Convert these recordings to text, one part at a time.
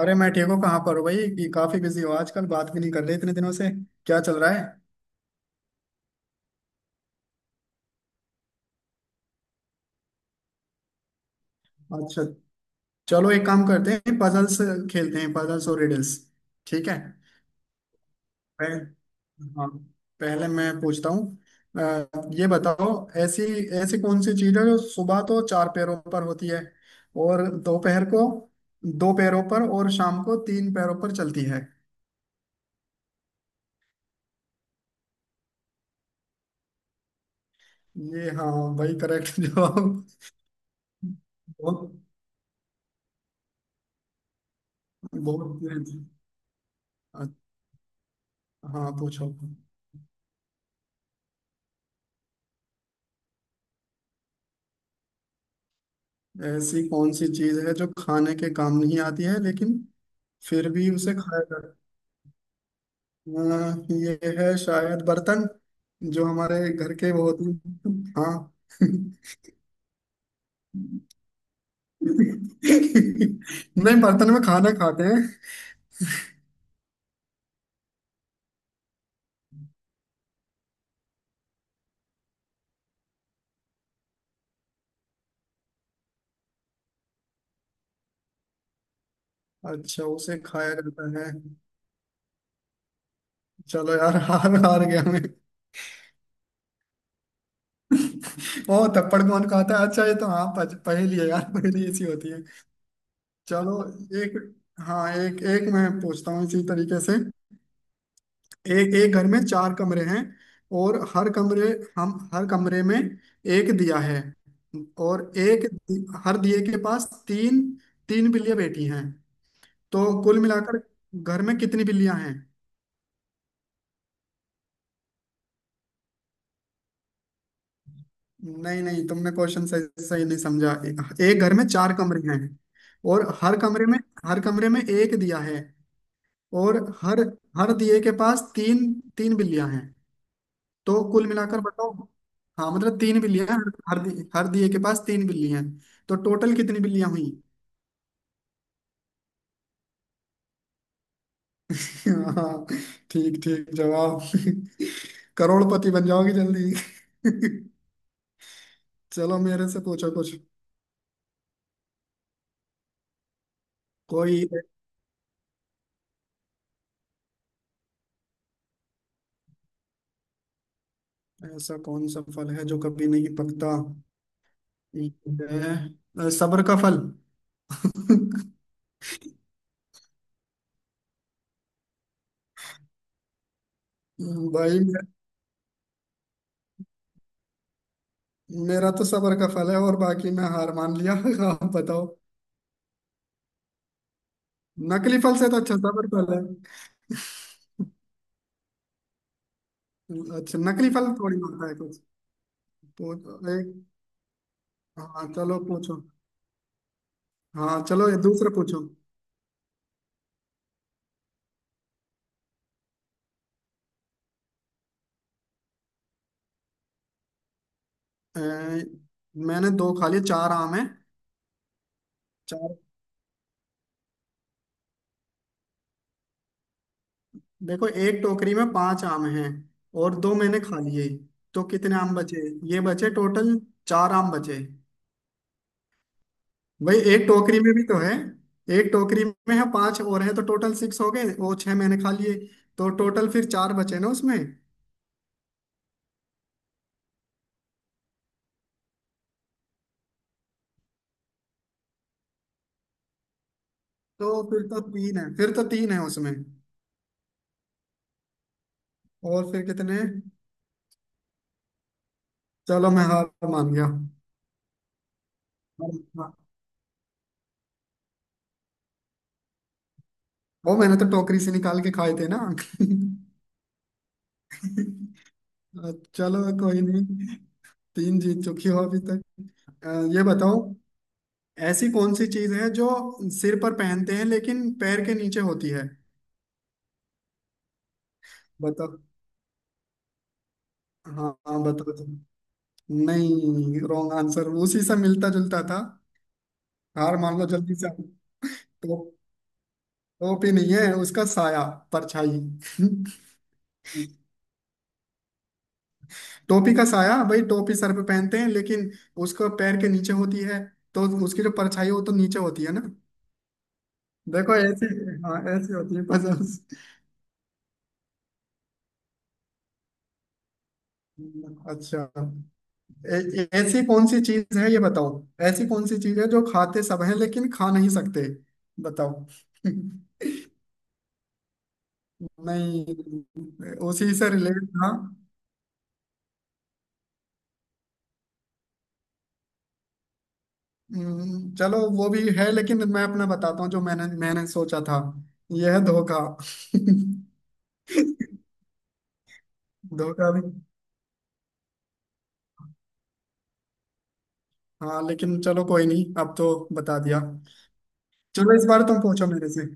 अरे, मैं ठीक हूँ। कहाँ पर हो भाई? कि काफी बिजी हो आजकल, बात भी नहीं कर रहे इतने दिनों से। क्या चल रहा है? अच्छा। चलो, एक काम करते हैं, पजल्स खेलते हैं, पजल्स और रिडल्स। ठीक है। पह- हाँ, पहले मैं पूछता हूँ। अ, ये बताओ, ऐसी ऐसी कौन सी चीज है जो सुबह तो चार पैरों पर होती है, और दोपहर को दो पैरों पर, और शाम को तीन पैरों पर चलती है? ये, हाँ, वही करेक्ट जवाब। बहुत बहुत। हाँ पूछो। ऐसी कौन सी चीज है जो खाने के काम नहीं आती है लेकिन फिर भी उसे खाया जाता है? ये है शायद बर्तन, जो हमारे घर के वो होते हैं। हाँ। नहीं, बर्तन में खाना खाते हैं। अच्छा, उसे खाया जाता है। चलो यार, हार हार गया मैं। ओ, थप्पड़ कौन खाता है? अच्छा, ये तो हाँ, पहेली है यार, पहेली ऐसी होती है। चलो, एक, हाँ, एक एक मैं पूछता हूँ इसी तरीके से। एक एक घर में चार कमरे हैं, और हर कमरे में एक दिया है। और हर दिए के पास तीन तीन बिल्लियां बैठी हैं। तो कुल मिलाकर घर में कितनी बिल्लियां हैं? नहीं नहीं, तुमने क्वेश्चन सही सही नहीं समझा। एक घर में चार कमरे हैं, और हर कमरे में एक दिया है। और हर हर दिए के पास तीन तीन बिल्लियां हैं। तो कुल मिलाकर बताओ। हाँ मतलब तीन बिल्लियां, हर हर दिए के पास तीन बिल्लियां हैं। तो टोटल कितनी बिल्लियां हुई? हाँ, ठीक ठीक जवाब। करोड़पति बन जाओगी जल्दी। चलो मेरे से पूछो कुछ। कोई ऐसा कौन सा फल है जो कभी नहीं पकता? ये है सबर का फल। भाई, मेरा तो सबर का फल है, और बाकी मैं हार मान लिया। आप बताओ। नकली फल से तो अच्छा सबर फल है। अच्छा, नकली फल थोड़ी होता है। पूछ एक, हाँ चलो पूछो। हाँ चलो ये दूसरा पूछो। अ, मैंने दो खा लिए, चार आम हैं। चार। देखो, एक टोकरी में पांच आम हैं, और दो मैंने खा लिए, तो कितने आम बचे? ये बचे टोटल, चार आम बचे। भाई, एक टोकरी में भी तो है। एक टोकरी में है पांच और है, तो टोटल सिक्स हो गए, वो छह मैंने खा लिए। तो टोटल फिर चार बचे ना उसमें। तो फिर तो तीन है फिर तो तीन है उसमें। और फिर कितने? चलो मैं हार मान गया। वो मैंने तो टोकरी से निकाल के खाए थे ना। चलो कोई नहीं, तीन जीत चुकी हो अभी तक। अ, ये बताओ, ऐसी कौन सी चीज है जो सिर पर पहनते हैं लेकिन पैर के नीचे होती है? बताओ। हाँ हाँ, बताओ तुम। नहीं, रॉन्ग आंसर उसी से मिलता जुलता था। हार मान लो जल्दी से। तो टोपी नहीं है, उसका साया, परछाई। टोपी का साया, भाई टोपी सर पे पहनते हैं लेकिन उसका पैर के नीचे होती है। तो उसकी जो परछाई है, वो तो नीचे होती है ना। देखो ऐसी, हाँ, ऐसी होती है पजल्स। अच्छा, ऐसी कौन सी चीज है, ये बताओ। ऐसी कौन सी चीज है जो खाते सब हैं लेकिन खा नहीं सकते? बताओ। नहीं, उसी से रिलेट था। चलो वो भी है, लेकिन मैं अपना बताता हूँ जो मैंने मैंने सोचा था। यह है धोखा। धोखा भी, हाँ, लेकिन चलो कोई नहीं, अब तो बता दिया। चलो इस बार तुम पूछो मेरे से।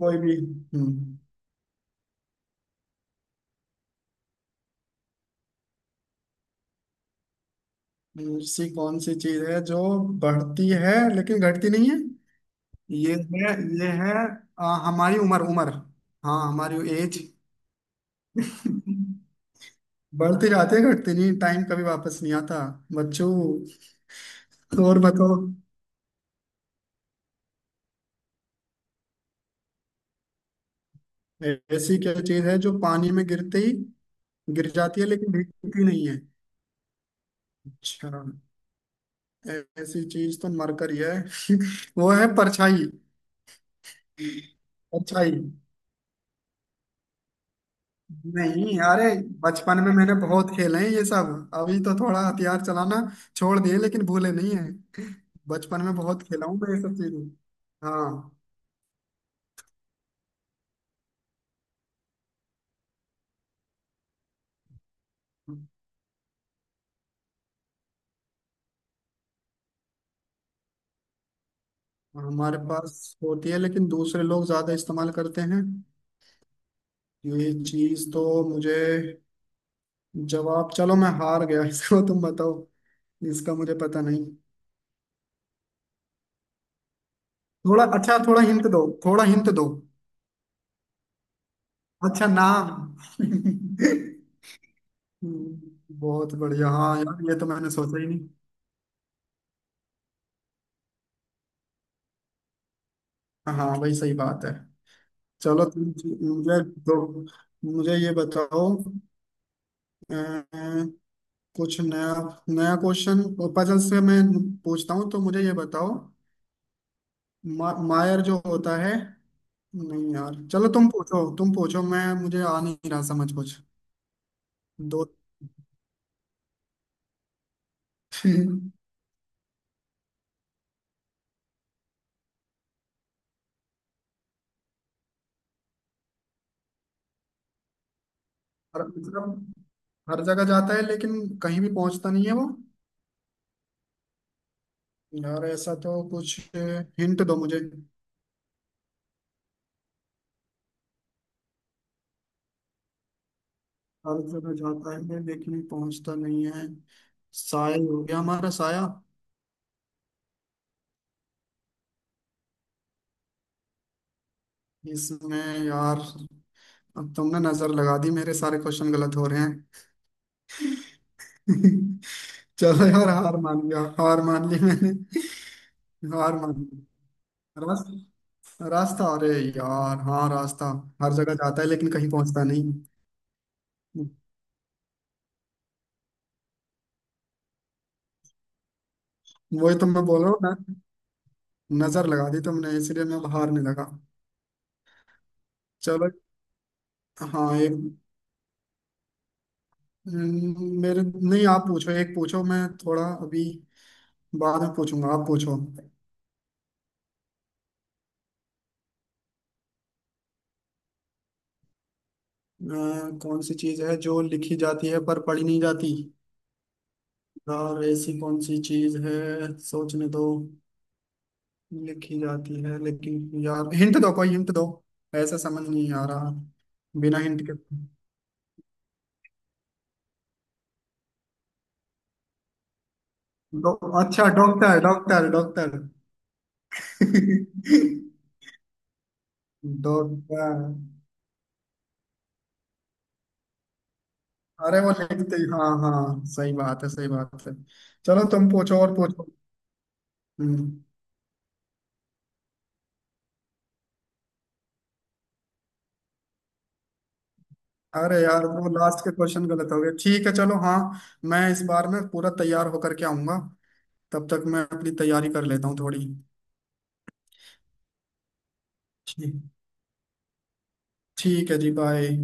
कोई भी। हम्म। ऐसी कौन सी चीज है जो बढ़ती है लेकिन घटती नहीं है? ये है, ये है, हमारी उम्र, उम्र। हाँ हमारी एज। बढ़ती जाती है, घटती नहीं। टाइम कभी वापस नहीं आता बच्चों। और बताओ। ऐसी क्या चीज है जो पानी में गिरते ही गिर जाती है लेकिन भीगती नहीं है? अच्छा, ऐसी चीज तो मरकरी है। वो है परछाई। परछाई, नहीं अरे, बचपन में मैंने बहुत खेले हैं ये सब। अभी तो थोड़ा हथियार चलाना छोड़ दिए लेकिन भूले नहीं है। बचपन में बहुत खेला हूँ मैं ये सब चीजें। हाँ, हमारे पास होती है लेकिन दूसरे लोग ज्यादा इस्तेमाल करते हैं। ये चीज तो मुझे, जवाब, चलो मैं हार गया, इसको तुम बताओ। इसका मुझे पता नहीं। थोड़ा, अच्छा, थोड़ा हिंट दो, थोड़ा हिंट दो। अच्छा, नाम। बहुत बढ़िया, हाँ यार, ये तो मैंने सोचा ही नहीं। हाँ भाई, सही बात है। चलो तुम, मुझे तो मुझे ये बताओ, अ, कुछ नया, नया क्वेश्चन पजल से मैं पूछता हूँ, तो मुझे ये बताओ, मायर जो होता है, नहीं यार, चलो तुम पूछो, तुम पूछो, मैं, मुझे आ नहीं रहा समझ कुछ। दो। हर मतलब, हर जगह जाता है लेकिन कहीं भी पहुंचता नहीं है वो? यार, ऐसा तो कुछ, हिंट दो मुझे। हर जगह जाता है लेकिन पहुंचता नहीं है। साया, हो गया, हमारा साया। इसमें, यार, अब तुमने नजर लगा दी, मेरे सारे क्वेश्चन गलत हो रहे हैं। चलो यार, हार मान गया, हार मान ली मैंने। हार मान ली। रास्ता, रास्ता अरे यार, हाँ, रास्ता। हर जगह जाता है लेकिन कहीं पहुंचता नहीं। वही तो मैं बोल रहा हूँ ना, नजर लगा दी तुमने, इसलिए मैं अब हारने लगा। चलो, हाँ एक, मेरे नहीं, आप पूछो, एक पूछो, मैं थोड़ा अभी, बाद में पूछूंगा, आप पूछो। कौन सी चीज है जो लिखी जाती है पर पढ़ी नहीं जाती? यार, ऐसी कौन सी चीज है, सोचने दो। लिखी जाती है, लेकिन, यार हिंट दो, कोई हिंट दो। ऐसा समझ नहीं आ रहा। बिना हिंट के। डॉ अच्छा, डॉक्टर, डॉक्टर डॉक्टर डॉक्टर। अरे वो लिखते ही, हाँ हाँ, सही बात है, सही बात है। चलो तुम पूछो, और पूछो। हम्म। अरे यार वो लास्ट के क्वेश्चन गलत हो गए, ठीक है, चलो हाँ, मैं इस बार में पूरा तैयार होकर के आऊंगा। तब तक मैं अपनी तैयारी कर लेता हूँ थोड़ी। ठीक, ठीक है जी, बाय।